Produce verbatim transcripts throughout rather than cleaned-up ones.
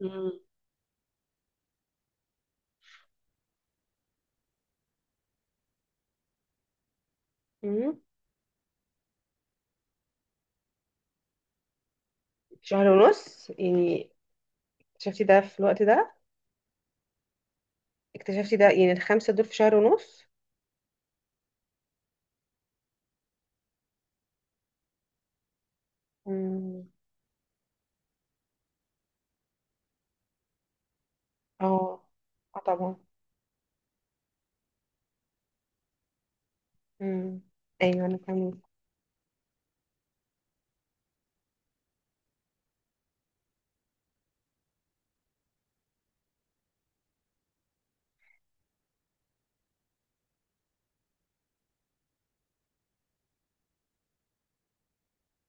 مم. مم. شهر ونص يعني؟ اكتشفتي ده في الوقت ده؟ اكتشفتي ده يعني الخمسة دول في شهر ونص؟ مم. اه، اه، طبعا. مم. ايوه، انا فاهمة.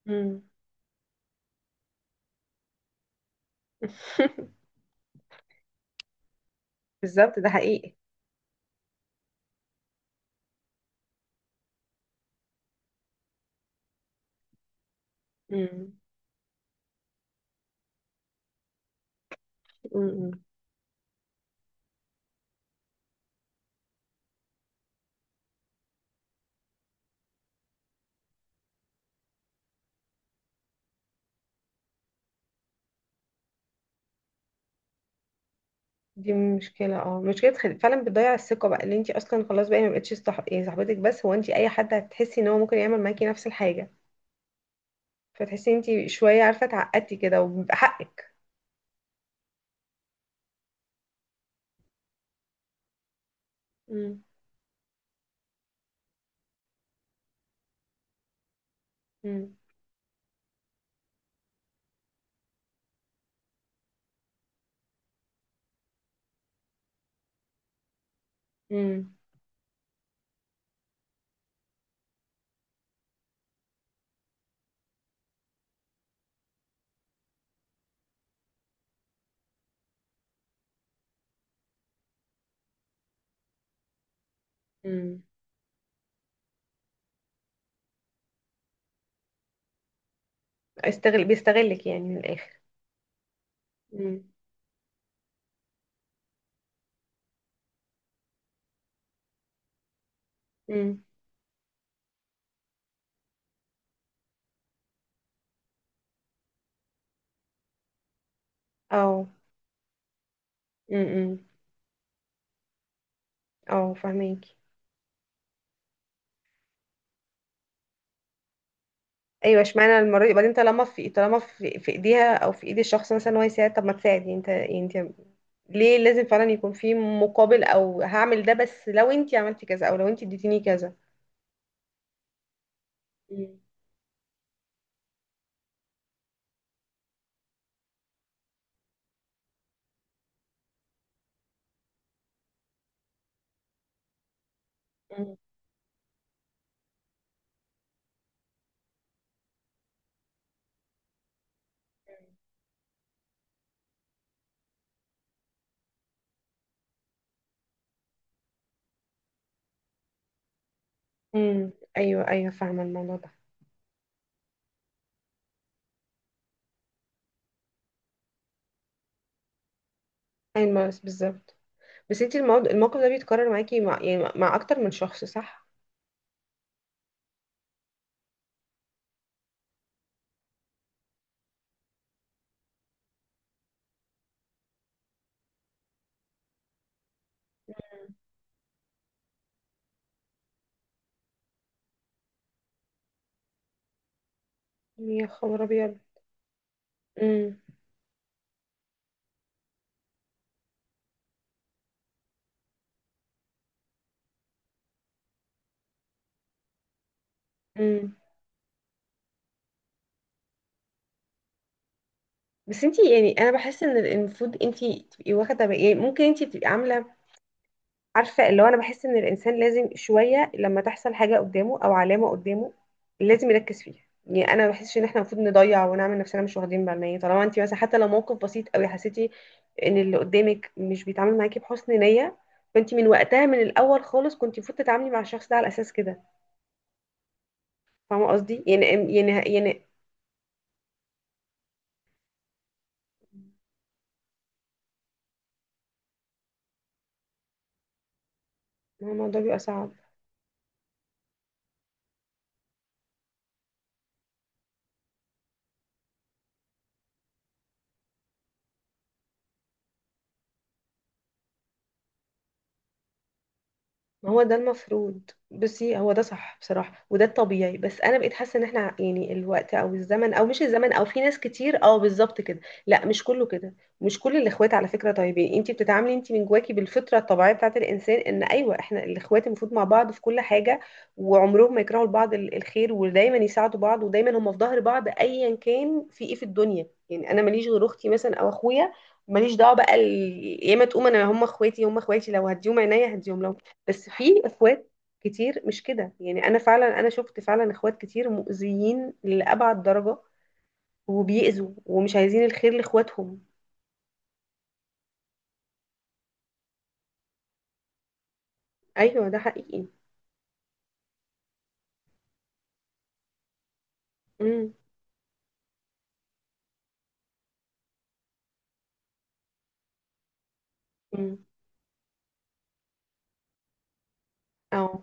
مم. بالظبط، ده حقيقي. مم. مم. دي مشكلة، اه، مشكلة خل... فعلا بتضيع الثقة بقى، اللي انت اصلا خلاص بقى ما بقتش صح... يعني صاحبتك، بس هو انت اي حد هتحسي ان هو ممكن يعمل معاكي نفس الحاجة. فتحسي ان انت شوية عارفة اتعقدتي كده، وبيبقى حقك. مم. مم. امم. مم. استغل، بيستغلك يعني من الاخر. مم. مم. او... مم. او فهميكي. ايوه، اشمعنى المره دي؟ بعدين طالما في، طالما في, في ايديها او في ايد الشخص مثلا ان هو يساعد، طب ما تساعد. يعني انت، يعني انت ليه لازم فعلا يكون في مقابل، او هعمل ده بس لو انت عملتي كذا او لو انت اديتيني كذا؟ مم. مم. امم. ايوه، ايوه، فاهمه الموضوع ده. ايوه بس بالظبط، بس انت الموضوع الموقف ده بيتكرر معاكي مع يعني مع اكتر من شخص، صح؟ يا خبر ابيض. امم. بس انتي يعني انا بحس ان المفروض انتي تبقي واخده بقى، يعني ممكن انتي تبقي عامله، عارفه اللي هو انا بحس ان الانسان لازم شويه لما تحصل حاجه قدامه او علامه قدامه لازم يركز فيها. يعني انا ما بحسش ان احنا المفروض نضيع ونعمل نفسنا مش واخدين بالنا. يعني طالما انتي مثلا حتى لو موقف بسيط قوي حسيتي ان اللي قدامك مش بيتعامل معاكي بحسن نيه، فانتي من وقتها من الاول خالص كنتي المفروض تتعاملي مع الشخص ده على اساس كده. فاهمه قصدي يعني؟ يعني يعني، ما الموضوع بيبقى صعب. ما هو ده المفروض. بصي، هو ده صح بصراحة، وده الطبيعي. بس انا بقيت حاسة ان احنا ع- يعني الوقت او الزمن او مش الزمن، او في ناس كتير، اه بالظبط كده. لا مش كله كده. مش كل الاخوات على فكرة طيبين. انتي بتتعاملي انتي من جواكي بالفطرة الطبيعية بتاعت الانسان ان ايوه احنا الاخوات المفروض مع بعض في كل حاجة، وعمرهم ما يكرهوا لبعض ال- الخير، ودايما يساعدوا بعض، ودايما هم في ظهر بعض ايا كان في ايه في الدنيا. يعني انا ماليش غير اختي مثلا او اخويا، ماليش دعوه بقى ال- يا اما تقوم انا، هم اخواتي، هم اخواتي لو هديهم عينيا هديهم، لو... بس في اخوات كتير مش كده. يعني انا فعلا انا شفت فعلا اخوات كتير مؤذيين لأبعد درجة، وبيأذوا ومش عايزين الخير لاخواتهم. ايوه ده حقيقي. امم. امم. اه،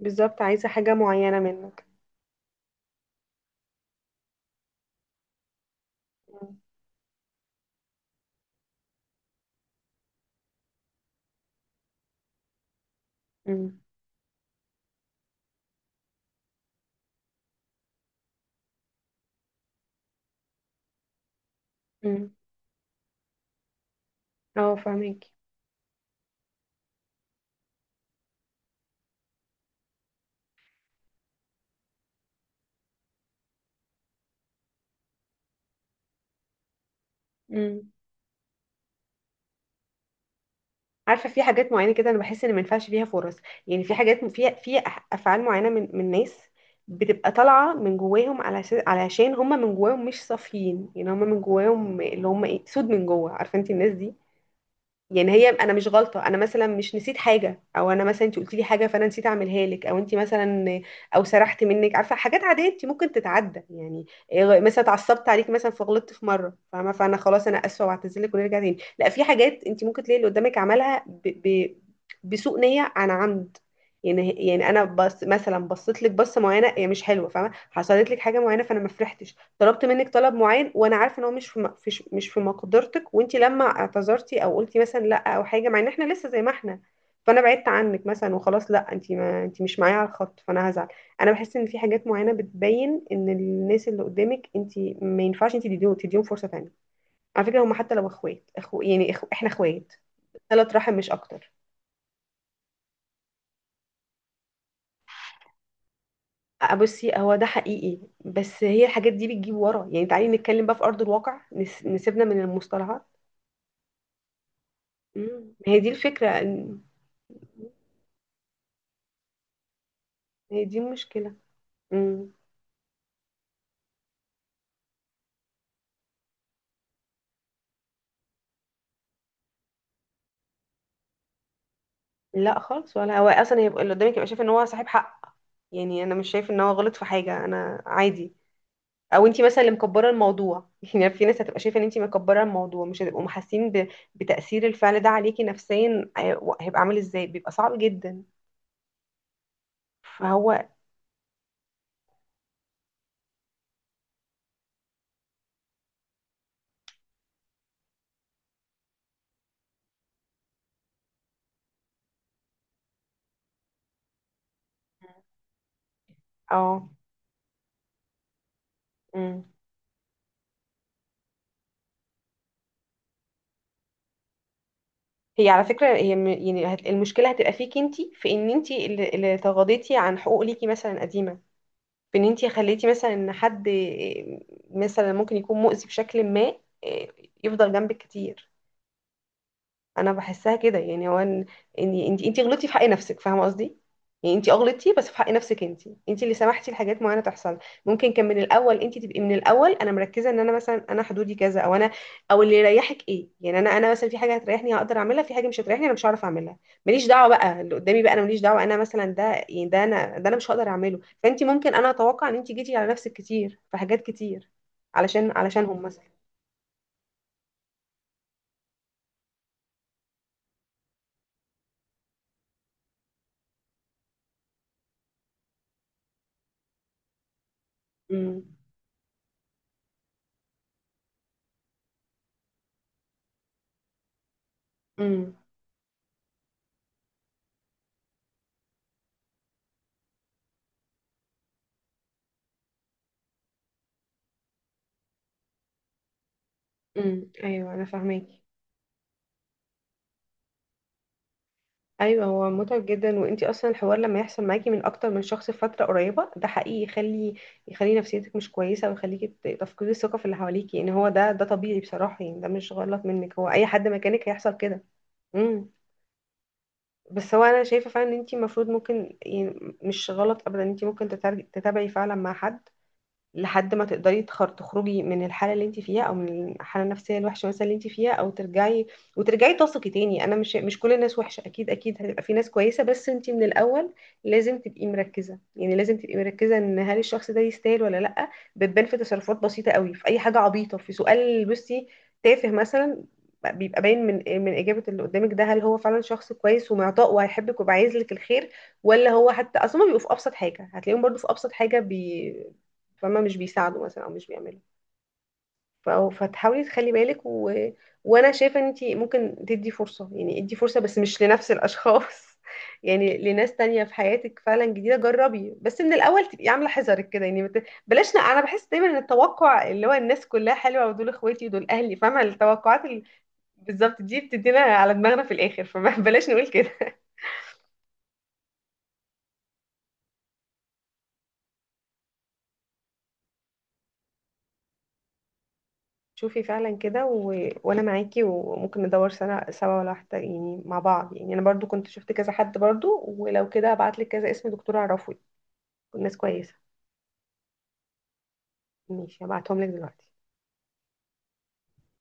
بالظبط عايزة حاجة معينة منك. امم. امم. اه فاهمك. عارفه، في حاجات معينه كده انا بحس ان ما ينفعش فيها فرص. يعني في حاجات فيها في أح- افعال معينه من من ناس بتبقى طالعه من جواهم على أساس- علشان هم من جواهم مش صافيين. يعني هم من جواهم اللي هم ايه، سود من جوه، عارفه انت الناس دي؟ يعني هي انا مش غلطه، انا مثلا مش نسيت حاجه، او انا مثلا انت قلتي لي حاجه فانا نسيت اعملها لك، او انت مثلا، او سرحت منك. عارفه، حاجات عاديه انت ممكن تتعدى يعني. إيه، مثلا اتعصبت عليك مثلا فغلطت في مره، فاهمه، فانا خلاص انا اسفه واعتذرلك ونرجع تاني. لا، في حاجات انت ممكن تلاقي اللي قدامك عملها ب... ب... بسوء نيه، عن عمد. يعني يعني انا بس مثلا بصيت لك بصه معينه هي مش حلوه، فاهمه، حصلت لك حاجه معينه فانا ما فرحتش. طلبت منك طلب معين وانا عارفه ان هو مش في م- في ش- مش في مقدرتك، وانت لما اعتذرتي او قلتي مثلا لا او حاجه، مع ان احنا لسه زي ما احنا، فانا بعدت عنك مثلا وخلاص. لا انت، ما انت مش معايا على الخط، فانا هزعل. انا بحس ان في حاجات معينه بتبين ان الناس اللي قدامك انت ما ينفعش انت تديهم تديهم فرصه تانية. على فكره، هم حتى لو اخوات، اخو يعني اخو، احنا اخوات ثلاث رحم، مش اكتر. بصي، هو ده حقيقي، بس هي الحاجات دي بتجيب ورا يعني. تعالي نتكلم بقى في ارض الواقع، نس... نسيبنا من المصطلهات. مم. هي دي الفكرة إن- هي دي مشكلة. امم. لا خالص، ولا هو اصلا يبقى اللي قدامك يبقى شايف ان هو صاحب حق. يعني انا مش شايف ان هو غلط في حاجة، انا عادي، او انتي مثلا اللي مكبرة الموضوع. يعني في ناس هتبقى شايفة ان انتي مكبرة الموضوع، مش هتبقوا محاسين ب... بتأثير الفعل ده عليكي نفسيا. هي- هيبقى عامل ازاي؟ بيبقى صعب جدا. فهو... اه. امم. هي على فكرة، هي م- يعني هت... المشكلة هتبقى فيكي انتي، في ان انتي اللي, اللي تغاضيتي عن حقوق ليكي مثلا قديمة، في ان انتي خليتي مثلا ان حد آه، مثلا ممكن يكون مؤذي بشكل ما، آه، يفضل جنبك كتير. انا بحسها كده. يعني هو ان انت انت غلطتي في حق نفسك، فاهمه قصدي؟ يعني انت غلطتي بس في حق نفسك انت، انت اللي سمحتي لحاجات معينه تحصل. ممكن كان من الاول انت تبقي، من الاول انا مركزه ان انا مثلا انا حدودي كذا، او انا، او اللي يريحك ايه. يعني انا انا مثلا في حاجه هتريحني هقدر اعملها، في حاجه مش هتريحني انا مش هعرف اعملها. ماليش دعوه بقى اللي قدامي، بقى انا ماليش دعوه. انا مثلا ده، يعني ده انا ده انا مش هقدر اعمله. فانت ممكن، انا اتوقع ان انت جيتي على نفسك كتير في حاجات كتير، علشان علشانهم مثلا. امم. امم. امم. ايوه انا فاهمك. ايوه، هو متعب جدا. وانتي اصلا الحوار لما يحصل معاكي من اكتر من شخص في فتره قريبه، ده حقيقي يخلي يخلي نفسيتك مش كويسه، ويخليكي ت- تفقدي الثقه في اللي حواليكي. يعني هو ده ده طبيعي بصراحه، يعني ده مش غلط منك. هو اي حد مكانك هيحصل كده. امم. بس هو انا شايفه فعلا ان انتي المفروض ممكن يعني مش غلط ابدا ان انتي ممكن تتر- تتابعي فعلا مع حد لحد ما تقدري تخر- تخرجي من الحاله اللي انت فيها، او من الحاله النفسيه الوحشه مثلا اللي انت فيها، او ترجعي وترجعي تثقي تاني. انا مش مش كل الناس وحشه، اكيد اكيد هيبقى في ناس كويسه. بس انت من الاول لازم تبقي مركزه، يعني لازم تبقي مركزه ان هل الشخص ده يستاهل ولا لا. بتبان في تصرفات بسيطه قوي، في اي حاجه عبيطه، في سؤال بصي تافه مثلا، بيبقى باين من من اجابه اللي قدامك ده هل هو فعلا شخص كويس ومعطاء وهيحبك وبيبقى عايز لك الخير، ولا هو حتى اصلا. بيبقوا في ابسط حاجه، هتلاقيهم برضو في ابسط حاجه بي... فما مش بيساعدوا مثلا او مش بيعملوا. ف- فتحاولي تخلي بالك و... وانا شايفه ان انت ممكن تدي فرصه، يعني ادي فرصه بس مش لنفس الاشخاص. يعني لناس تانية في حياتك فعلا جديده. جربي بس من الاول تبقي عامله حذرك كده. يعني مت... بلاش ن- انا بحس دايما ان التوقع اللي هو الناس كلها حلوه ودول اخواتي ودول اهلي، فاهمه التوقعات ال... بالظبط دي بتدينا على دماغنا في الاخر، فبلاش نقول كده. شوفي فعلا كده، و... وانا معاكي. وممكن ندور سنة سوا ولا واحدة يعني مع بعض. يعني انا برضو كنت شفت كذا حد برضو، ولو كده هبعتلك كذا اسم دكتور اعرفه، ناس كويسة. ماشي هبعتهم لك دلوقتي.